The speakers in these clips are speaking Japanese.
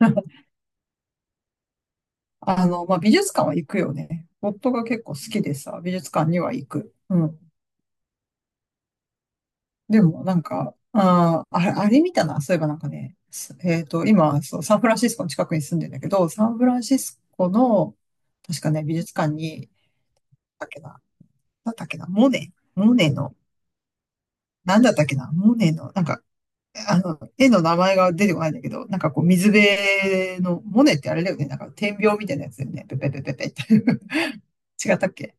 まあ、美術館は行くよね。夫が結構好きでさ、美術館には行く。うん。でも、なんか、ああ、あれ見たな。そういえばなんかね、すえっと、今、そう、サンフランシスコの近くに住んでんだけど、サンフランシスコの、確かね、美術館に、だっけな、なんだっけな、モネの、なんだったっけな、モネの、なんか、絵の名前が出てこないんだけど、なんかこう、水辺の、モネってあれだよね、なんか、点描みたいなやつだよね、ペペペペペって。違ったっけ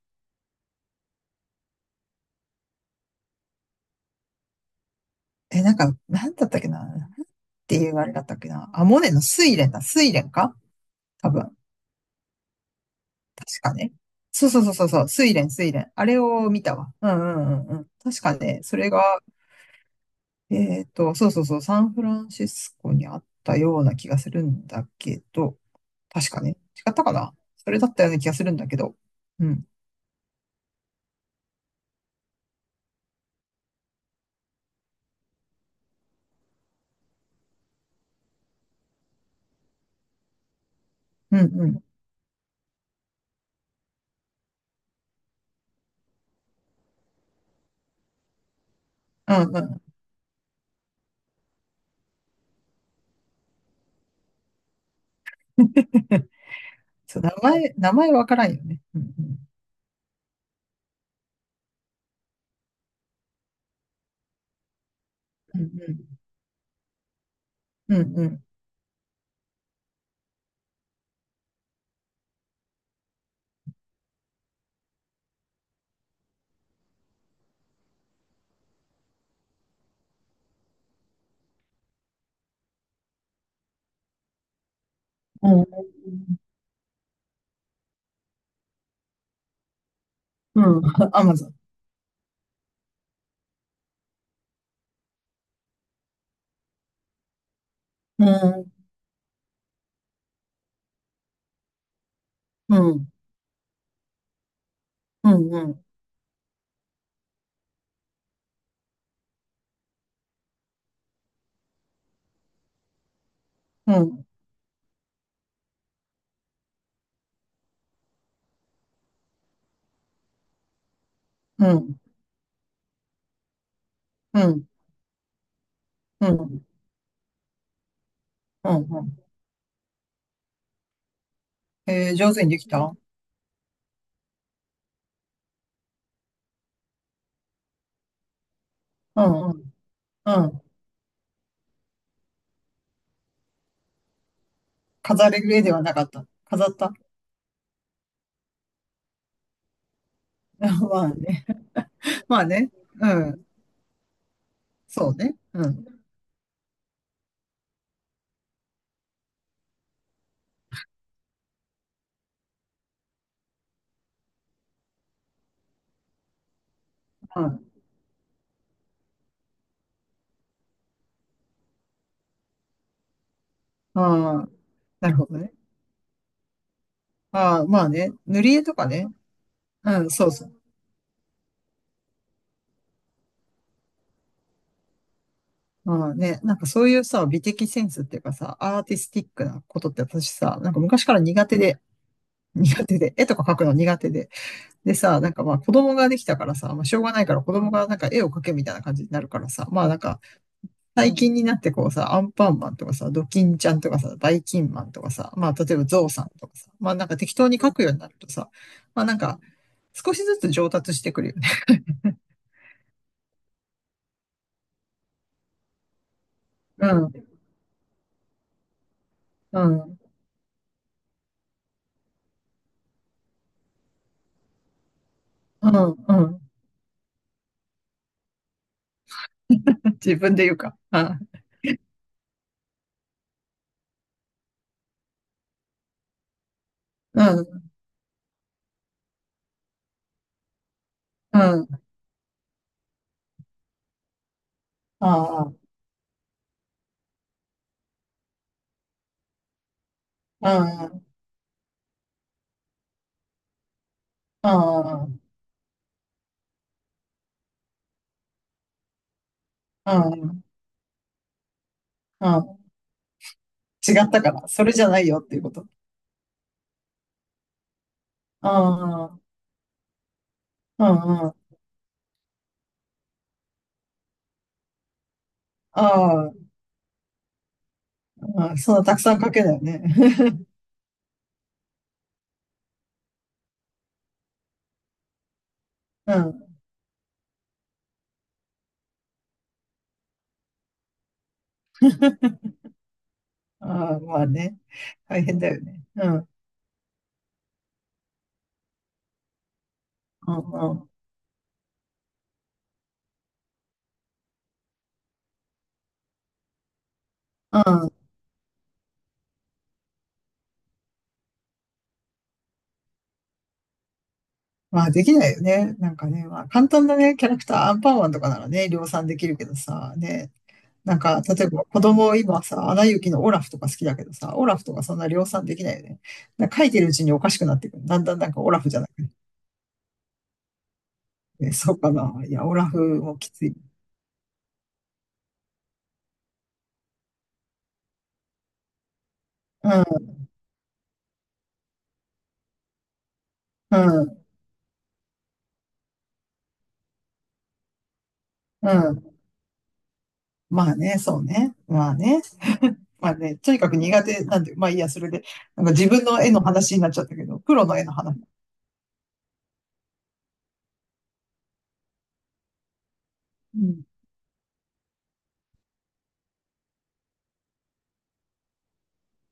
え、なんか、なんだったっけな。なんていうあれだったっけな。あ、モネの睡蓮だ。睡蓮か、多分。確かね。そうそうそうそうそう。睡蓮、睡蓮。あれを見たわ。うんうんうんうん。確かね、それが、そうそうそう、サンフランシスコにあったような気がするんだけど、確かね。違ったかな、それだったような気がするんだけど。うん。うんうん。うんうん。そう、名前わからんよね。うんうん。うんうん。うんうん。うんうん。うん。アマゾン。うん、うん、うん、うん、うん、うん、うん、うん、うん、うん。上手にできた？うん、うん、うん。飾れる絵ではなかった。飾った。 まあね。まあね。うん。そうね。うん。うん。ああ、なるほどね。ああ、まあね。塗り絵とかね。うん、そうそう。ああね。なんかそういうさ、美的センスっていうかさ、アーティスティックなことって私さ、なんか昔から苦手で、絵とか描くの苦手で。でさ、なんかまあ子供ができたからさ、まあしょうがないから子供がなんか絵を描けみたいな感じになるからさ、まあなんか最近になってこうさ、アンパンマンとかさ、ドキンちゃんとかさ、バイキンマンとかさ、まあ例えばゾウさんとかさ、まあなんか適当に描くようになるとさ、まあなんか少しずつ上達してくるよね。うん、うん、うん、うん。自分で言うか。うん、うん、うん、ああ、うん、うん、うん、うん。違ったから、それじゃないよっていうこと。うん、うん、うん、うん。ああ、そんなたくさん書けないよね。うん。ああ、まあね。大変だよね。うん。うんうん。うん。まあできないよね。なんかね、まあ簡単なね、キャラクター、アンパンマンとかならね、量産できるけどさ、ね。なんか、例えば子供今さ、アナ雪のオラフとか好きだけどさ、オラフとかそんな量産できないよね。なんか書いてるうちにおかしくなってくる。だんだんなんかオラフじゃなくて。そうかな。いや、オラフもきつい。うん、うん、うん。まあね、そうね。まあね。まあね、とにかく苦手なんで、まあいいや、それで、なんか自分の絵の話になっちゃったけど、プロの絵の話。うん。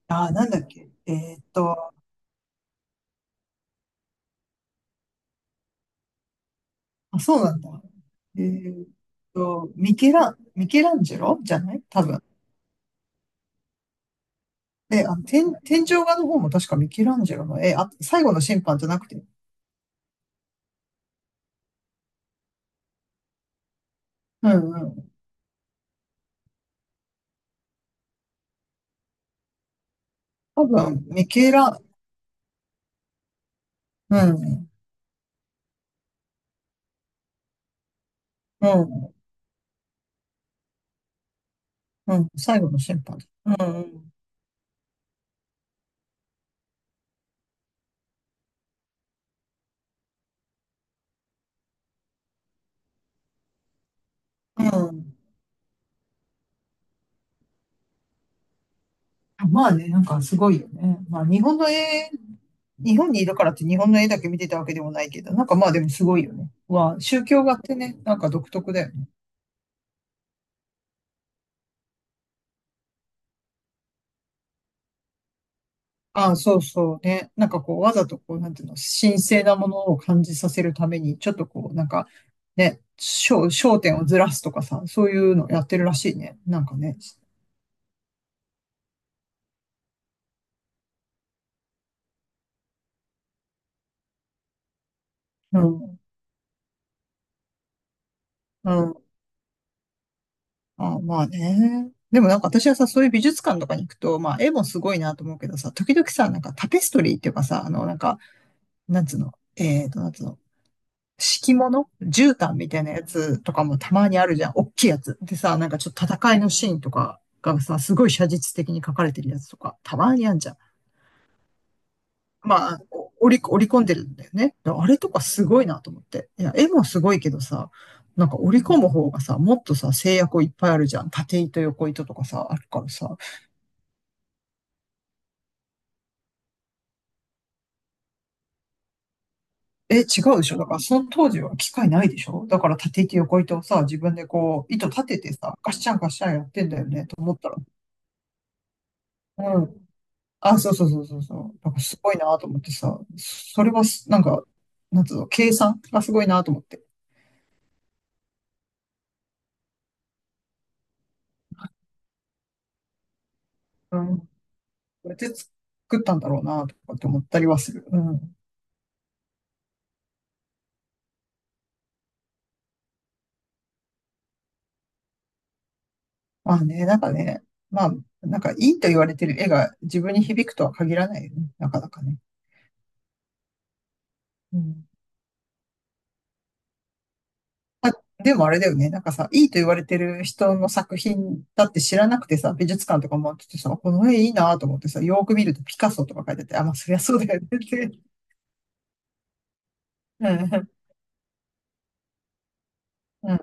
ああ、なんだっけ。あ、そうなんだ。えーっミケランジェロじゃない多分。で、天井画の方も確かミケランジェロの絵、あ、最後の審判じゃなくて。うんうん。多分、ミケラ、うん、うん、うん、最後の審判。うん、うん、まあね、なんかすごいよね。まあ日本の絵、日本にいるからって日本の絵だけ見てたわけでもないけど、なんかまあでもすごいよね。わあ、宗教画ってね、なんか独特だよね。ああ、そうそうね。なんかこう、わざとこう、なんていうの、神聖なものを感じさせるために、ちょっとこう、なんか、ね、焦点をずらすとかさ、そういうのやってるらしいね。なんかね。うん、うん。あ、まあね。でもなんか私はさ、そういう美術館とかに行くと、まあ絵もすごいなと思うけどさ、時々さ、なんかタペストリーっていうかさ、あの、なんか、なんつうの、なんつうの、敷物絨毯みたいなやつとかもたまにあるじゃん。おっきいやつ。でさ、なんかちょっと戦いのシーンとかがさ、すごい写実的に描かれてるやつとか、たまにあんじゃん。まあ、織り込んでるんだよね。あれとかすごいなと思って。いや、絵もすごいけどさ、なんか織り込む方がさ、もっとさ、制約いっぱいあるじゃん。縦糸、横糸とかさ、あるからさ。え、違うでしょ。だから、その当時は機械ないでしょ。だから、縦糸横糸をさ、自分でこう、糸立ててさ、ガッシャンガッシャンやってんだよね、と思ったら。うん。あ、そうそうそうそうそう。だからすごいなと思ってさ、それはす、なんか、なんつうの、計算がすごいなと思って。うん。こうやって作ったんだろうなとかって思ったりはする。うん。まあね、なんかね、まあ、なんかいいと言われてる絵が自分に響くとは限らないよね。なかなかね。うん。あ、でもあれだよね。なんかさ、いいと言われてる人の作品だって知らなくてさ、美術館とか回っててさ、この絵いいなと思ってさ、よーく見るとピカソとか書いてて、あ、まあそりゃそうだよねって。うん、うん、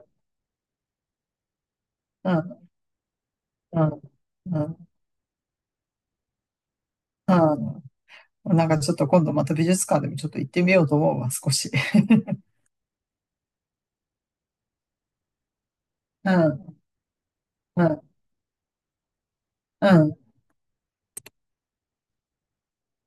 うん、うん、うん。うん、なんかちょっと今度また美術館でもちょっと行ってみようと思うわ、少し。うん、うん、うん。